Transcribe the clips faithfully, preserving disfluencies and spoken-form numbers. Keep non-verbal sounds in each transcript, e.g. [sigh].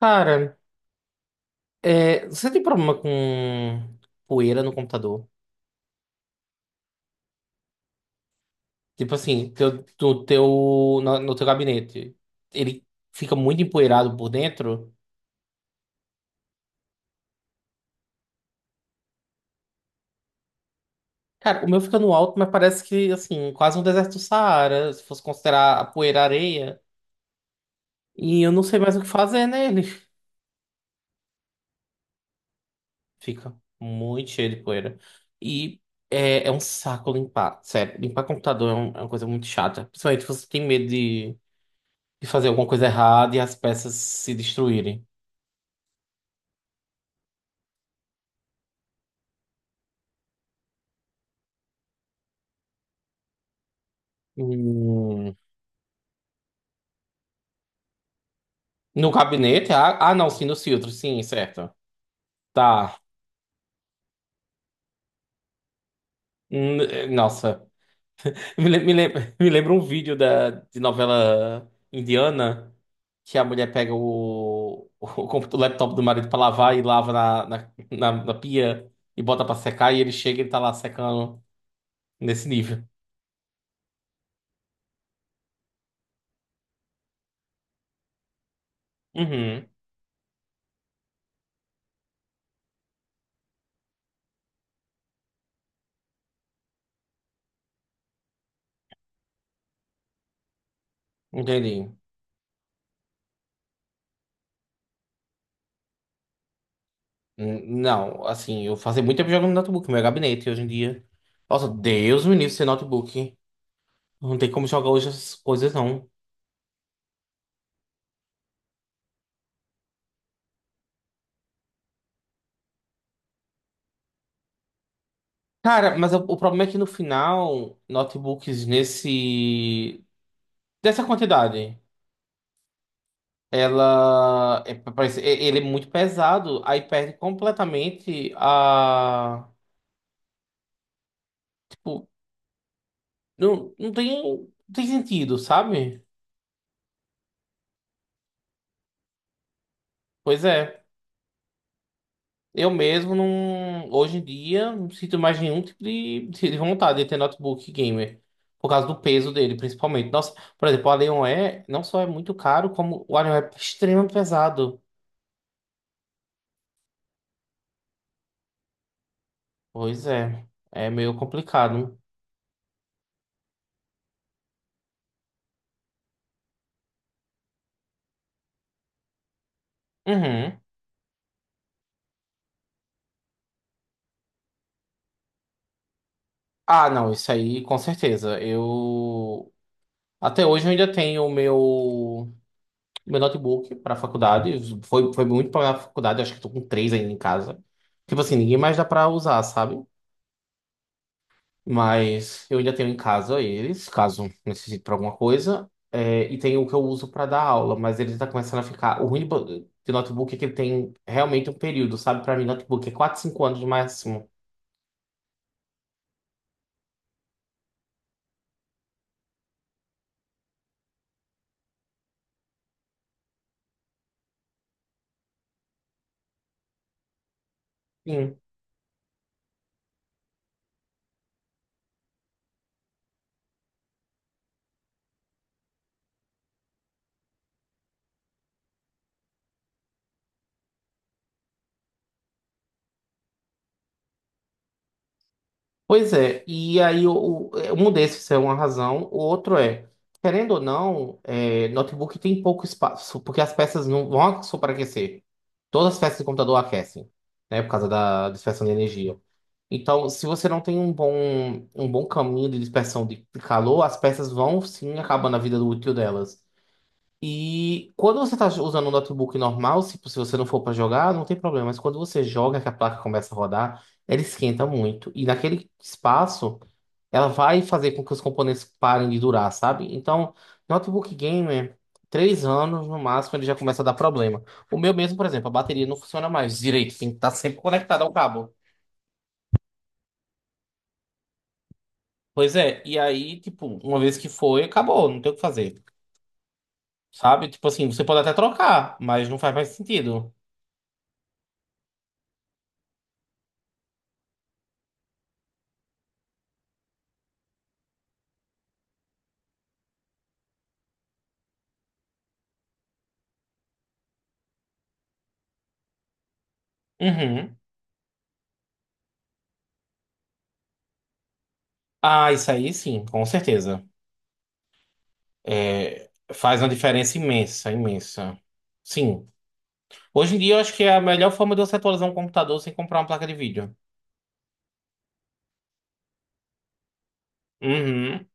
Cara, é, você tem problema com poeira no computador? Tipo assim, teu, do teu, na- no, teu gabinete, ele fica muito empoeirado por dentro? Cara, o meu fica no alto, mas parece que, assim, quase um deserto do Saara, se fosse considerar a poeira areia. E eu não sei mais o que fazer nele. [laughs] Fica muito cheio de poeira. E é, é um saco limpar, sério. Limpar computador é, um- é uma coisa muito chata. Principalmente se você tem medo de, de fazer alguma coisa errada e as peças se destruírem. Hum, no gabinete? Ah, ah, não, sim, nos filtros, sim, certo. Tá. Hum, eh, Nossa. Me, lem- me, lem- [laughs] me lembra um vídeo da, de novela indiana que a mulher pega o, o, comput- o laptop do marido pra lavar e lava na, na, na, na pia e bota pra secar e ele chega e ele tá lá secando nesse nível. Uhum, entendi. Hum, Não, assim, eu fazia muito tempo jogando no notebook, meu gabinete hoje em dia. Nossa, Deus me livre sem notebook. Não tem como jogar hoje essas coisas, não. Cara, mas o, o problema é que no final, notebooks nesse... dessa quantidade, ela... é- parece- é- ele é muito pesado, aí perde completamente a. Tipo, não, não tem, não tem sentido, sabe? Pois é. Eu mesmo não, hoje em dia não sinto mais nenhum tipo de, de vontade de ter notebook gamer. Por causa do peso dele, principalmente. Nossa, por exemplo, o Alienware é- não só é muito caro, como o Alienware é extremamente pesado. Pois é, é meio complicado. Uhum. Ah, não, isso aí com certeza. Eu até hoje eu ainda tenho o meu meu notebook para faculdade. Foi, foi muito para faculdade, acho que estou com três ainda em casa. Tipo assim, ninguém mais dá para usar, sabe? Mas eu ainda tenho em casa eles, caso necessite para alguma coisa. É, e tem o que eu uso para dar aula, mas ele tá começando a ficar. O ruim de bo- de notebook é que ele tem realmente um período, sabe? Para mim, notebook é quatro, cinco anos no máximo. Sim. Pois é, e aí eu, eu mudei, se é uma razão. O outro é, querendo ou não, é, notebook tem pouco espaço, porque as peças não vão superaquecer. Todas as peças de computador aquecem, né, por causa da dispersão de energia. Então, se você não tem um bom, um bom caminho de dispersão de de calor, as peças vão sim acabando a vida útil delas. E quando você está usando um notebook normal, se, se você não for para jogar, não tem problema. Mas quando você joga, que a placa começa a rodar, ela esquenta muito. E naquele espaço, ela vai fazer com que os componentes parem de durar, sabe? Então, notebook gamer, três anos no máximo, ele já começa a dar problema. O meu mesmo, por exemplo, a bateria não funciona mais direito, tem que estar sempre conectado ao cabo. Pois é, e aí, tipo, uma vez que foi, acabou, não tem o que fazer. Sabe? Tipo assim, você pode até trocar, mas não faz mais sentido. Uhum. Ah, isso aí sim, com certeza. É, faz uma diferença imensa, imensa. Sim. Hoje em dia eu acho que é a melhor forma de você atualizar um computador sem comprar uma placa de vídeo. Uhum.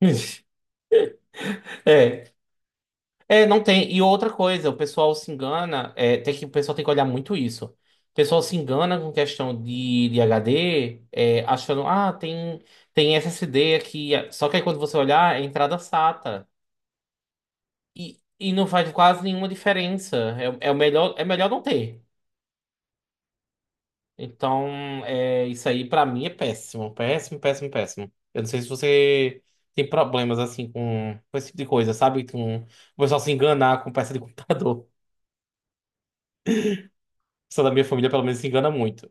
[laughs] É. É, não tem. E outra coisa, o pessoal se engana, é, tem que, o pessoal tem que olhar muito isso. O pessoal se engana com questão de, de H D, é, achando, ah, tem, tem S S D aqui. Só que aí quando você olhar, é entrada SATA. E, e não faz quase nenhuma diferença. É, é o melhor, é melhor não ter. Então, é, isso aí pra mim é péssimo, péssimo, péssimo, péssimo. Eu não sei se você tem problemas assim com, com esse tipo de coisa, sabe? Com o pessoal se enganar com peça de computador. [laughs] O pessoal da minha família, pelo menos, se engana muito.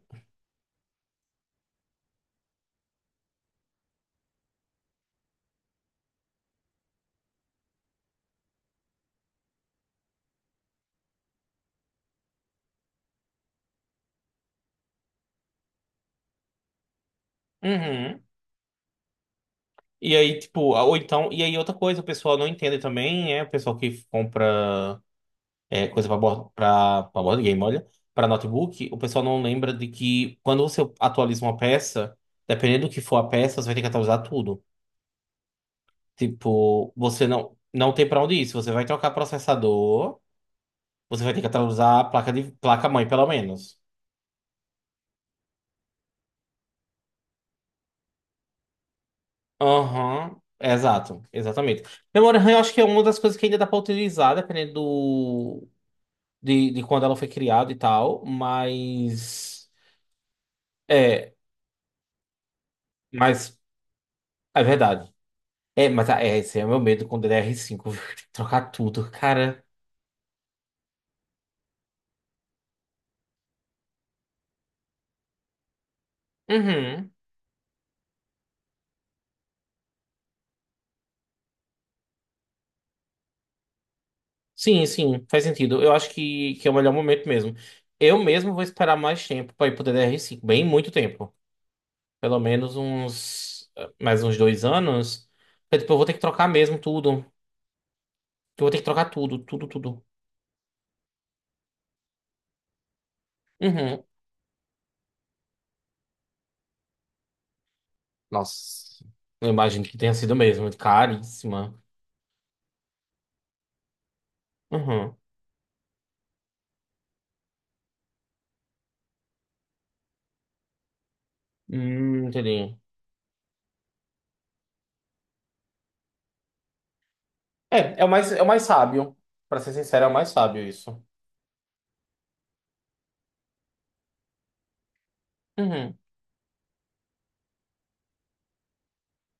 Uhum. E aí, tipo, ou então, e aí outra coisa, o pessoal não entende também, é o pessoal que compra é, coisa pra board, pra, pra board game, olha, pra notebook, o pessoal não lembra de que quando você atualiza uma peça, dependendo do que for a peça, você vai ter que atualizar tudo. Tipo, você não, não tem pra onde ir. Se você vai trocar processador, você vai ter que atualizar a placa de placa-mãe, pelo menos. Aham, exato, exatamente. Memória RAM, eu acho que é uma das coisas que ainda dá pra utilizar, dependendo do, de, de quando ela foi criada e tal, mas. É, mas é verdade. É, mas ah, é, esse é o meu medo com D D R cinco, viu? [laughs] Tem que trocar tudo, cara. Uhum. Sim, sim, faz sentido. Eu acho que, que é o melhor momento mesmo. Eu mesmo vou esperar mais tempo para ir pro D D R cinco bem muito tempo. Pelo menos uns eh, mais uns dois anos. Porque, tipo, eu vou ter que trocar mesmo tudo. Eu vou ter que trocar tudo, tudo, tudo. Uhum. Nossa, eu imagino que tenha sido mesmo, caríssima. Uhum. Hum, entendi. É, é o mais, é o mais sábio. Pra ser sincero, é o mais sábio isso. Uhum.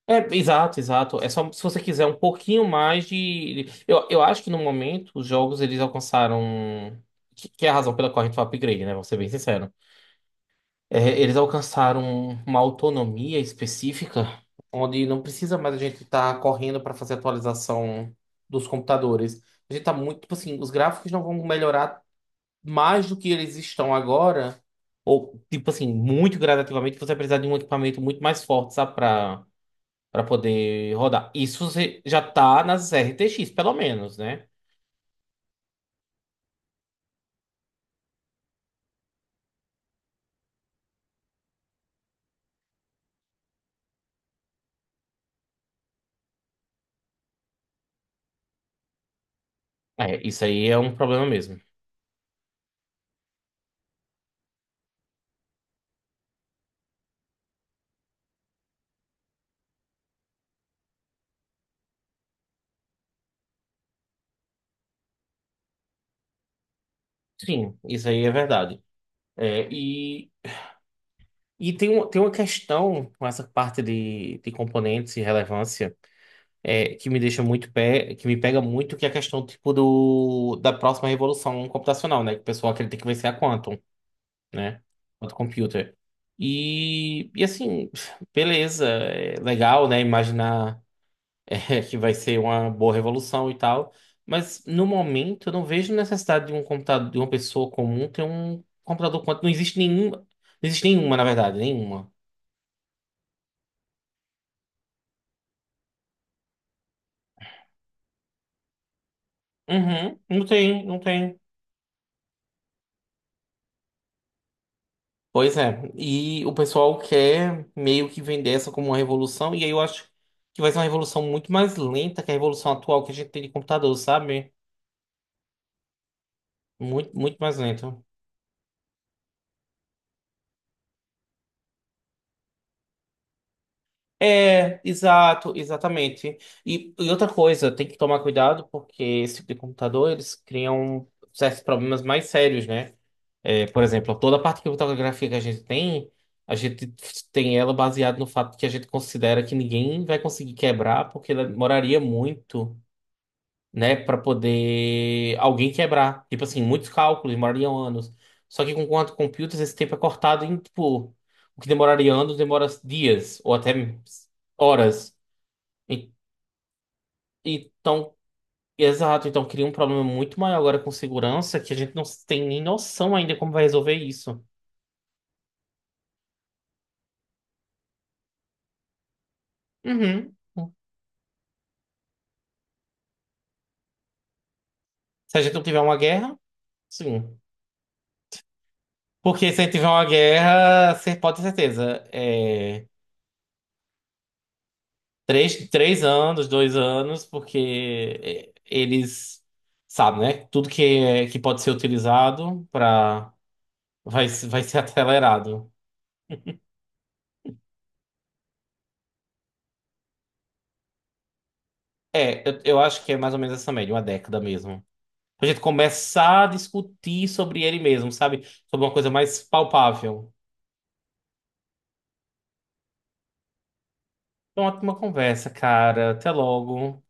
É, exato, exato. É só se você quiser um pouquinho mais de. Eu, eu acho que no momento os jogos eles alcançaram. Que, que é a razão pela qual a gente faz upgrade, né? Vou ser bem sincero. É, eles alcançaram uma autonomia específica onde não precisa mais a gente estar correndo para fazer atualização dos computadores. A gente tá muito. Tipo assim, os gráficos não vão melhorar mais do que eles estão agora. Ou, tipo assim, muito gradativamente, você vai precisar de um equipamento muito mais forte, sabe? Pra poder rodar. Isso você já tá nas R T X, pelo menos, né? É, isso aí é um problema mesmo. Sim, isso aí é verdade. É, e e tem, um, tem uma questão com essa parte de, de componentes e relevância é, que me deixa muito pé, que me pega muito, que é a questão tipo do, da próxima revolução computacional, né? Que o pessoal acredita que vai ser a Quantum, né? Quantum Computer. E, e assim, beleza, é legal, né? Imaginar. [laughs] é, que vai ser uma boa revolução e tal. Mas no momento eu não vejo necessidade de um computador, de uma pessoa comum ter um computador quanto. Não existe nenhum. Não existe nenhuma, na verdade, nenhuma. Uhum, não tem, não tem. Pois é. E o pessoal quer meio que vender essa como uma revolução, e aí eu acho que vai ser uma revolução muito mais lenta que a revolução atual que a gente tem de computador, sabe? Muito, muito mais lenta. É, exato, exatamente. E, e outra coisa, tem que tomar cuidado porque esse tipo de computador eles criam certos problemas mais sérios, né? É, por exemplo, toda a parte de criptografia que a gente tem, a gente tem, ela baseada no fato que a gente considera que ninguém vai conseguir quebrar porque ela demoraria muito né, para poder alguém quebrar. Tipo assim, muitos cálculos demorariam anos. Só que com quanto computers esse tempo é cortado em tipo, o que demoraria anos demora dias ou até horas. E- Então, exato, então cria um problema muito maior agora com segurança que a gente não tem nem noção ainda como vai resolver isso. Uhum. Se a gente não tiver uma guerra, sim. Porque se a gente tiver uma guerra, você pode ter certeza. é, Três, três anos, dois anos, porque é, eles sabem, né? Tudo que, é- que pode ser utilizado para vai, se- vai ser [laughs] acelerado. É, eu, eu acho que é mais ou menos essa média, uma década mesmo. Pra gente começar a discutir sobre ele mesmo, sabe? Sobre uma coisa mais palpável. Foi uma ótima conversa, cara. Até logo.